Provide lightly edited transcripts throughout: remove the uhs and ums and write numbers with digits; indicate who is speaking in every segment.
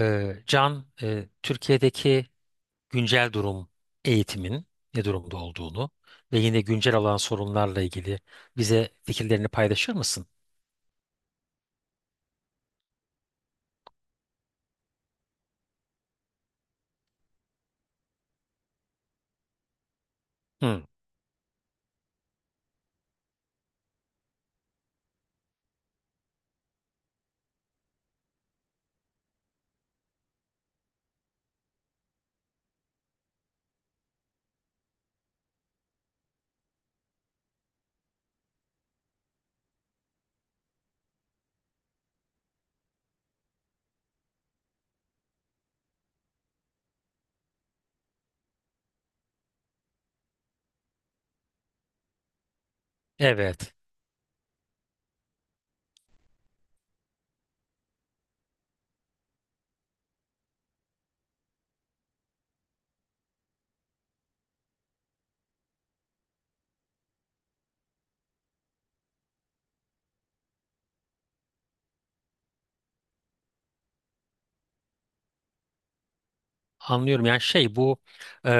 Speaker 1: Can, Türkiye'deki güncel durum, eğitimin ne durumda olduğunu ve yine güncel olan sorunlarla ilgili bize fikirlerini paylaşır mısın? Hı, evet, anlıyorum. Yani şey, bu e,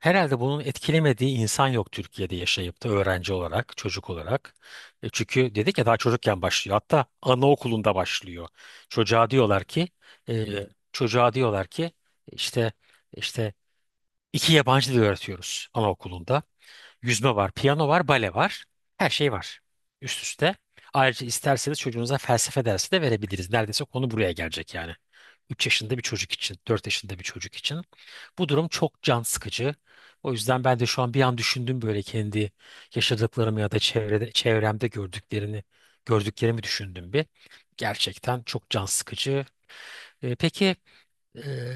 Speaker 1: herhalde bunun etkilemediği insan yok Türkiye'de, yaşayıp da öğrenci olarak, çocuk olarak. Çünkü dedik ya, daha çocukken başlıyor. Hatta anaokulunda başlıyor. Çocuğa diyorlar ki, e, çocuğa diyorlar ki işte. işte 2 yabancı dil öğretiyoruz anaokulunda. Yüzme var, piyano var, bale var. Her şey var, üst üste. Ayrıca isterseniz çocuğunuza felsefe dersi de verebiliriz. Neredeyse konu buraya gelecek yani. 3 yaşında bir çocuk için, 4 yaşında bir çocuk için. Bu durum çok can sıkıcı. O yüzden ben de şu an bir an düşündüm, böyle kendi yaşadıklarımı ya da çevrede, çevremde gördüklerini, gördüklerimi düşündüm bir. Gerçekten çok can sıkıcı. Peki, ee,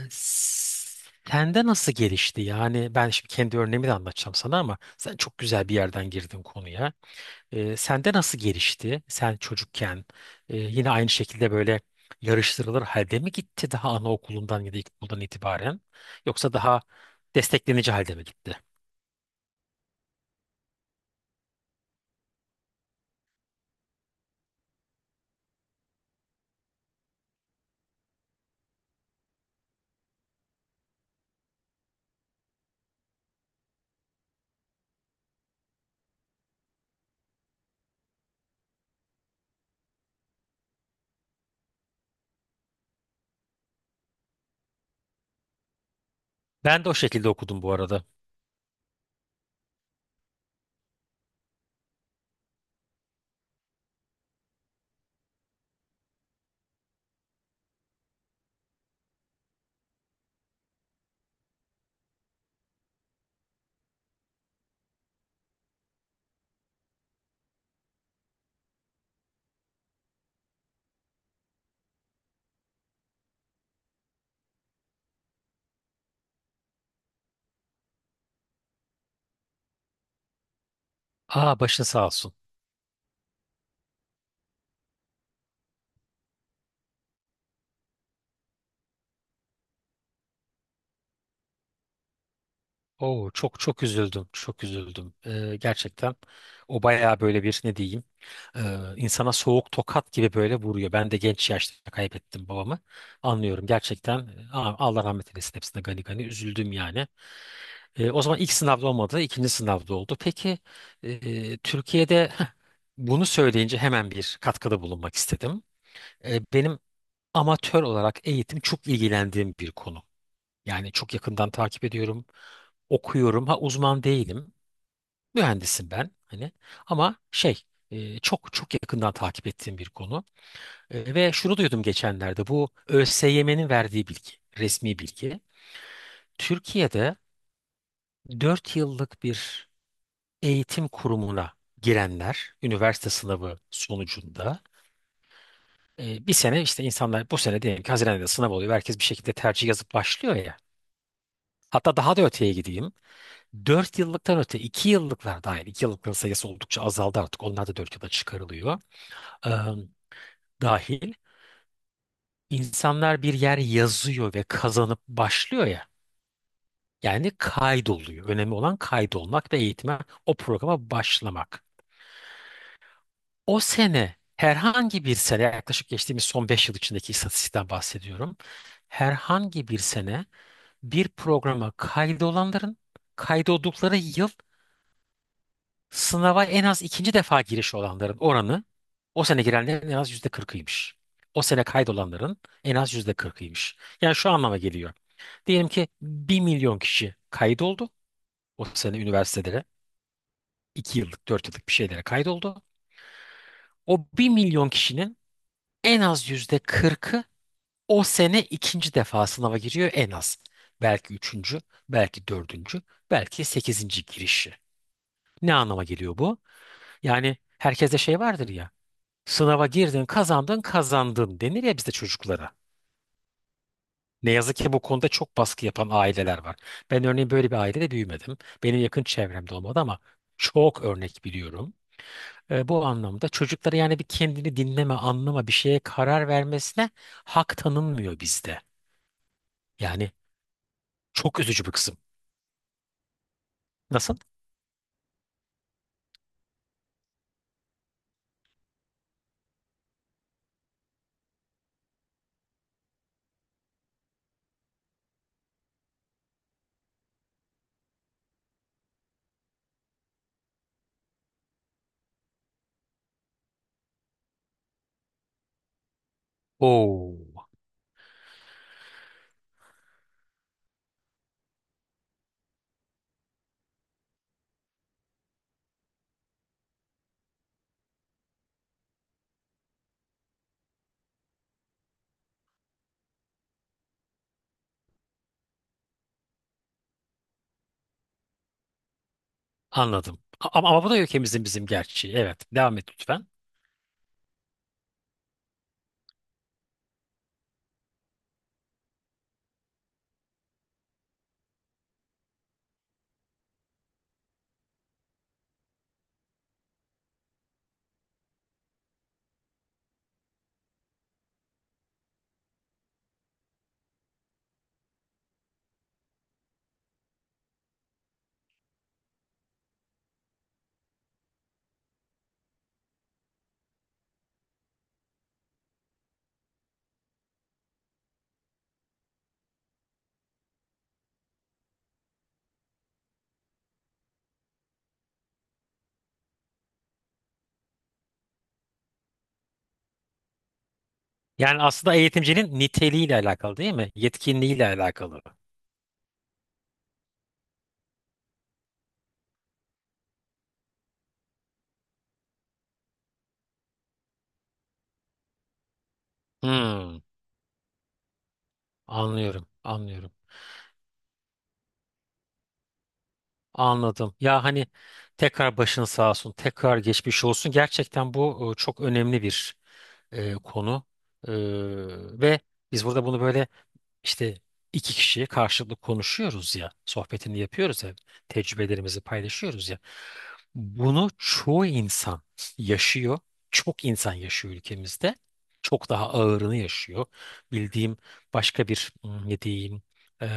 Speaker 1: sende nasıl gelişti? Yani ben şimdi kendi örneğimi de anlatacağım sana, ama sen çok güzel bir yerden girdin konuya. Sende nasıl gelişti? Sen çocukken yine aynı şekilde böyle yarıştırılır halde mi gitti daha anaokulundan ya da ilkokuldan itibaren? Yoksa daha desteklenici halde mi gitti? Ben de o şekilde okudum bu arada. Aa, başın sağ olsun. Oo, çok çok üzüldüm. Çok üzüldüm. Gerçekten o bayağı böyle bir, ne diyeyim, e, insana soğuk tokat gibi böyle vuruyor. Ben de genç yaşta kaybettim babamı. Anlıyorum gerçekten. Aa, Allah rahmet eylesin hepsine, gani gani üzüldüm yani. O zaman ilk sınavda olmadı, ikinci sınavda oldu. Peki, Türkiye'de heh, bunu söyleyince hemen bir katkıda bulunmak istedim. Benim amatör olarak eğitim çok ilgilendiğim bir konu. Yani çok yakından takip ediyorum, okuyorum. Ha, uzman değilim. Mühendisim ben, hani ama şey, çok çok yakından takip ettiğim bir konu. E, ve şunu duydum geçenlerde, bu ÖSYM'nin verdiği bilgi, resmi bilgi: Türkiye'de 4 yıllık bir eğitim kurumuna girenler üniversite sınavı sonucunda, bir sene, işte insanlar, bu sene diyelim ki Haziran'da sınav oluyor, herkes bir şekilde tercih yazıp başlıyor ya, hatta daha da öteye gideyim, 4 yıllıktan öte 2 yıllıklar dahil, 2 yıllıkların sayısı oldukça azaldı, artık onlar da 4 yıla çıkarılıyor, dahil, insanlar bir yer yazıyor ve kazanıp başlıyor ya. Yani kaydoluyor. Önemli olan kaydolmak ve eğitime, o programa başlamak. O sene, herhangi bir sene, yaklaşık geçtiğimiz son 5 yıl içindeki istatistikten bahsediyorum. Herhangi bir sene bir programa kaydolanların, kaydoldukları yıl sınava en az ikinci defa giriş olanların oranı, o sene girenlerin en az %40'ıymış. O sene kaydolanların en az %40'ıymış. Yani şu anlama geliyor. Diyelim ki 1 milyon kişi kaydoldu. O sene üniversitelere, 2 yıllık 4 yıllık bir şeylere kaydoldu. O 1 milyon kişinin en az yüzde kırkı o sene ikinci defa sınava giriyor en az. Belki üçüncü, belki dördüncü, belki sekizinci girişi. Ne anlama geliyor bu? Yani herkeste şey vardır ya. Sınava girdin, kazandın, kazandın denir ya bizde çocuklara. Ne yazık ki bu konuda çok baskı yapan aileler var. Ben örneğin böyle bir ailede büyümedim. Benim yakın çevremde olmadı, ama çok örnek biliyorum. Bu anlamda çocuklara yani bir kendini dinleme, anlama, bir şeye karar vermesine hak tanınmıyor bizde. Yani çok üzücü bir kısım. Nasıl? Oo, anladım. Ama, ama bu da ülkemizin, bizim gerçeği. Evet, devam et lütfen. Yani aslında eğitimcinin niteliğiyle alakalı değil mi? Yetkinliğiyle alakalı. Hmm, anlıyorum, anlıyorum. Anladım. Ya hani, tekrar başın sağ olsun, tekrar geçmiş olsun. Gerçekten bu çok önemli bir konu. E, Ve biz burada bunu böyle, İşte iki kişiye karşılıklı konuşuyoruz ya, sohbetini yapıyoruz ya, tecrübelerimizi paylaşıyoruz ya. Bunu çoğu insan yaşıyor. Çok insan yaşıyor ülkemizde. Çok daha ağırını yaşıyor. Bildiğim başka bir, hmm, ne diyeyim, eee,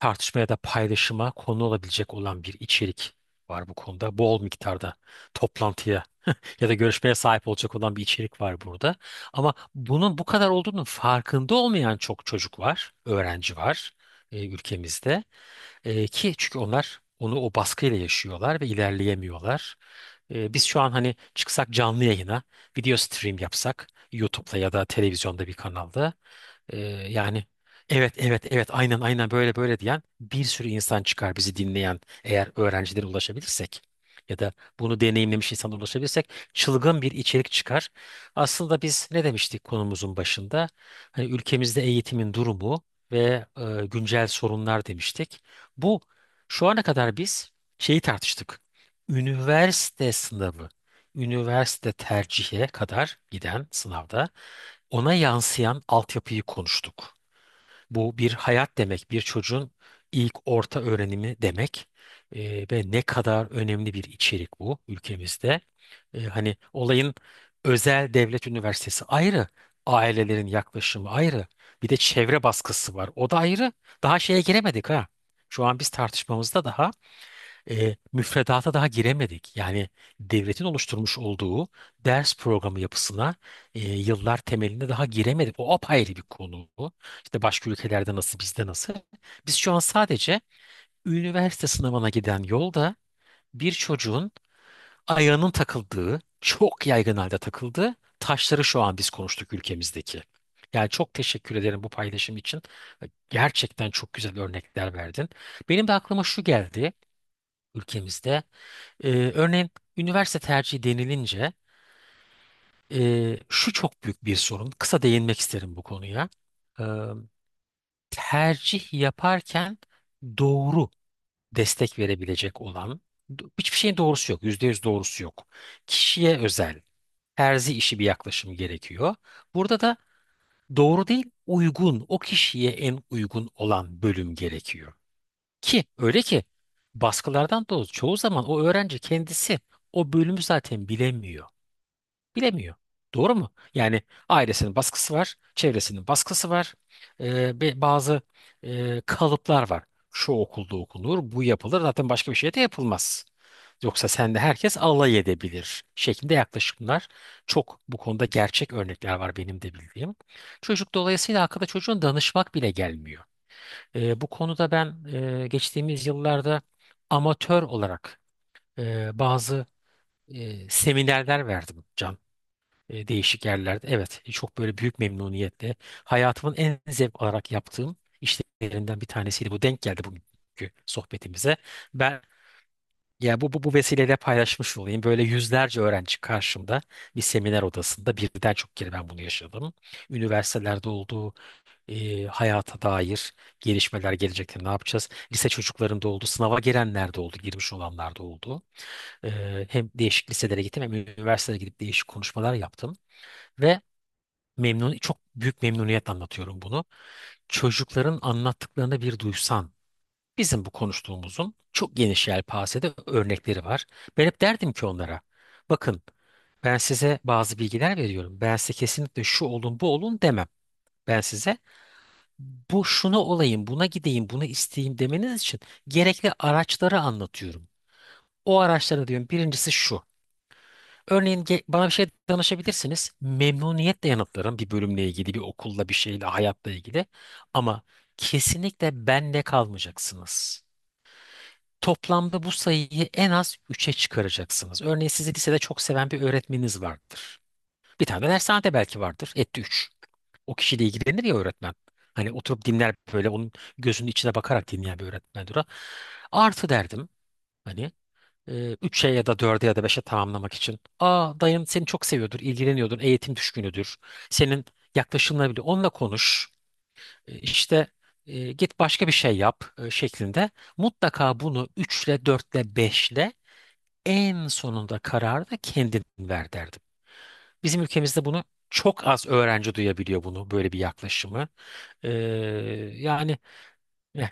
Speaker 1: tartışma ya da paylaşıma konu olabilecek olan bir içerik var bu konuda. Bol miktarda toplantıya ya da görüşmeye sahip olacak olan bir içerik var burada. Ama bunun bu kadar olduğunun farkında olmayan çok çocuk var, öğrenci var ülkemizde. Ki çünkü onlar onu o baskıyla yaşıyorlar ve ilerleyemiyorlar. Biz şu an hani çıksak canlı yayına, video stream yapsak YouTube'da ya da televizyonda bir kanalda, ee, yani evet evet evet aynen aynen böyle böyle diyen bir sürü insan çıkar bizi dinleyen, eğer öğrencilere ulaşabilirsek ya da bunu deneyimlemiş insana ulaşabilirsek çılgın bir içerik çıkar. Aslında biz ne demiştik konumuzun başında? Hani ülkemizde eğitimin durumu ve güncel sorunlar demiştik. Bu, şu ana kadar biz şeyi tartıştık: üniversite sınavı, üniversite tercihe kadar giden sınavda ona yansıyan altyapıyı konuştuk. Bu bir hayat demek, bir çocuğun ilk orta öğrenimi demek. Ve ne kadar önemli bir içerik bu ülkemizde. Hani olayın özel devlet üniversitesi ayrı, ailelerin yaklaşımı ayrı, bir de çevre baskısı var, o da ayrı. Daha şeye giremedik ha. Şu an biz tartışmamızda daha müfredata daha giremedik. Yani devletin oluşturmuş olduğu ders programı yapısına yıllar temelinde daha giremedik. O apayrı bir konu. İşte başka ülkelerde nasıl, bizde nasıl? Biz şu an sadece üniversite sınavına giden yolda bir çocuğun ayağının takıldığı, çok yaygın halde takıldığı taşları şu an biz konuştuk ülkemizdeki. Yani çok teşekkür ederim bu paylaşım için. Gerçekten çok güzel örnekler verdin. Benim de aklıma şu geldi, ülkemizde, örneğin üniversite tercihi denilince, şu çok büyük bir sorun. Kısa değinmek isterim bu konuya. Ee, Tercih yaparken doğru destek verebilecek olan, hiçbir şeyin doğrusu yok. %100 doğrusu yok. Kişiye özel, terzi işi bir yaklaşım gerekiyor. Burada da doğru değil, uygun, o kişiye en uygun olan bölüm gerekiyor. Ki öyle ki baskılardan dolayı çoğu zaman o öğrenci kendisi o bölümü zaten bilemiyor. Doğru mu? Yani ailesinin baskısı var, çevresinin baskısı var, bazı kalıplar var. Şu okulda okunur, bu yapılır. Zaten başka bir şey de yapılmaz. Yoksa sen de, herkes alay edebilir şeklinde yaklaşımlar. Çok bu konuda gerçek örnekler var benim de bildiğim. Çocuk dolayısıyla akılda çocuğun danışmak bile gelmiyor. Bu konuda ben geçtiğimiz yıllarda amatör olarak bazı seminerler verdim değişik yerlerde. Evet, çok böyle büyük memnuniyetle, hayatımın en zevk alarak yaptığım işlerinden bir tanesiydi. Bu denk geldi bugünkü sohbetimize. Ben, ya, bu vesileyle paylaşmış olayım. Böyle yüzlerce öğrenci karşımda bir seminer odasında, birden çok kere ben bunu yaşadım. Üniversitelerde olduğu, hayata dair gelişmeler, gelecekte ne yapacağız? Lise çocuklarında oldu, sınava girenler de oldu, girmiş olanlar da oldu. E, Hem değişik liselere gittim, hem üniversitelere gidip değişik konuşmalar yaptım. Ve memnun, çok büyük memnuniyet, anlatıyorum bunu. Çocukların anlattıklarını bir duysan, bizim bu konuştuğumuzun çok geniş yelpazede örnekleri var. Ben hep derdim ki onlara, bakın, ben size bazı bilgiler veriyorum. Ben size kesinlikle şu olun, bu olun demem. Ben size bu, şunu olayım, buna gideyim, bunu isteyeyim demeniz için gerekli araçları anlatıyorum. O araçları, diyorum, birincisi şu. Örneğin, bana bir şey danışabilirsiniz. Memnuniyetle yanıtlarım bir bölümle ilgili, bir okulla, bir şeyle, hayatla ilgili. Ama kesinlikle bende kalmayacaksınız. Toplamda bu sayıyı en az 3'e çıkaracaksınız. Örneğin sizi lisede çok seven bir öğretmeniniz vardır. Bir tane de dershanede belki vardır. Etti 3. O kişiyle ilgilenir ya öğretmen. Hani oturup dinler, böyle onun gözünün içine bakarak dinleyen bir öğretmendir o. Artı, derdim, hani 3'e ya da 4'e ya da 5'e tamamlamak için. Aa, dayın seni çok seviyordur, ilgileniyordur, eğitim düşkünüdür. Senin yaklaşımına bile onunla konuş. İşte, git başka bir şey yap, şeklinde. Mutlaka bunu 3'le 4'le 5'le en sonunda kararı da kendin ver derdim. Bizim ülkemizde bunu çok az öğrenci duyabiliyor bunu, böyle bir yaklaşımı. E, yani ya,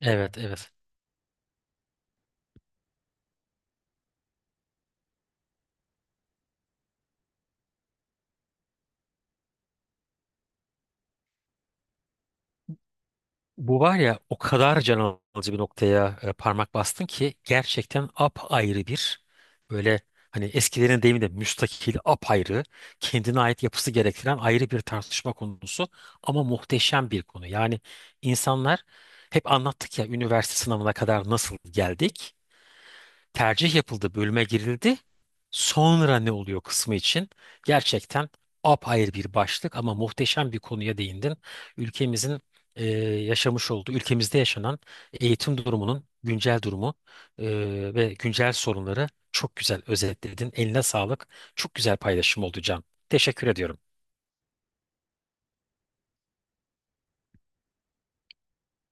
Speaker 1: Evet evet. Bu var ya, o kadar can alıcı bir noktaya parmak bastın ki gerçekten apayrı bir, böyle hani eskilerin deyimiyle müstakil, apayrı kendine ait yapısı gerektiren ayrı bir tartışma konusu, ama muhteşem bir konu. Yani insanlar, hep anlattık ya, üniversite sınavına kadar nasıl geldik, tercih yapıldı, bölüme girildi. Sonra ne oluyor kısmı için gerçekten apayrı bir başlık, ama muhteşem bir konuya değindin. Ülkemizin e, yaşamış olduğu, ülkemizde yaşanan eğitim durumunun güncel durumu e, ve güncel sorunları çok güzel özetledin. Eline sağlık. Çok güzel paylaşım oldu Can. Teşekkür ediyorum.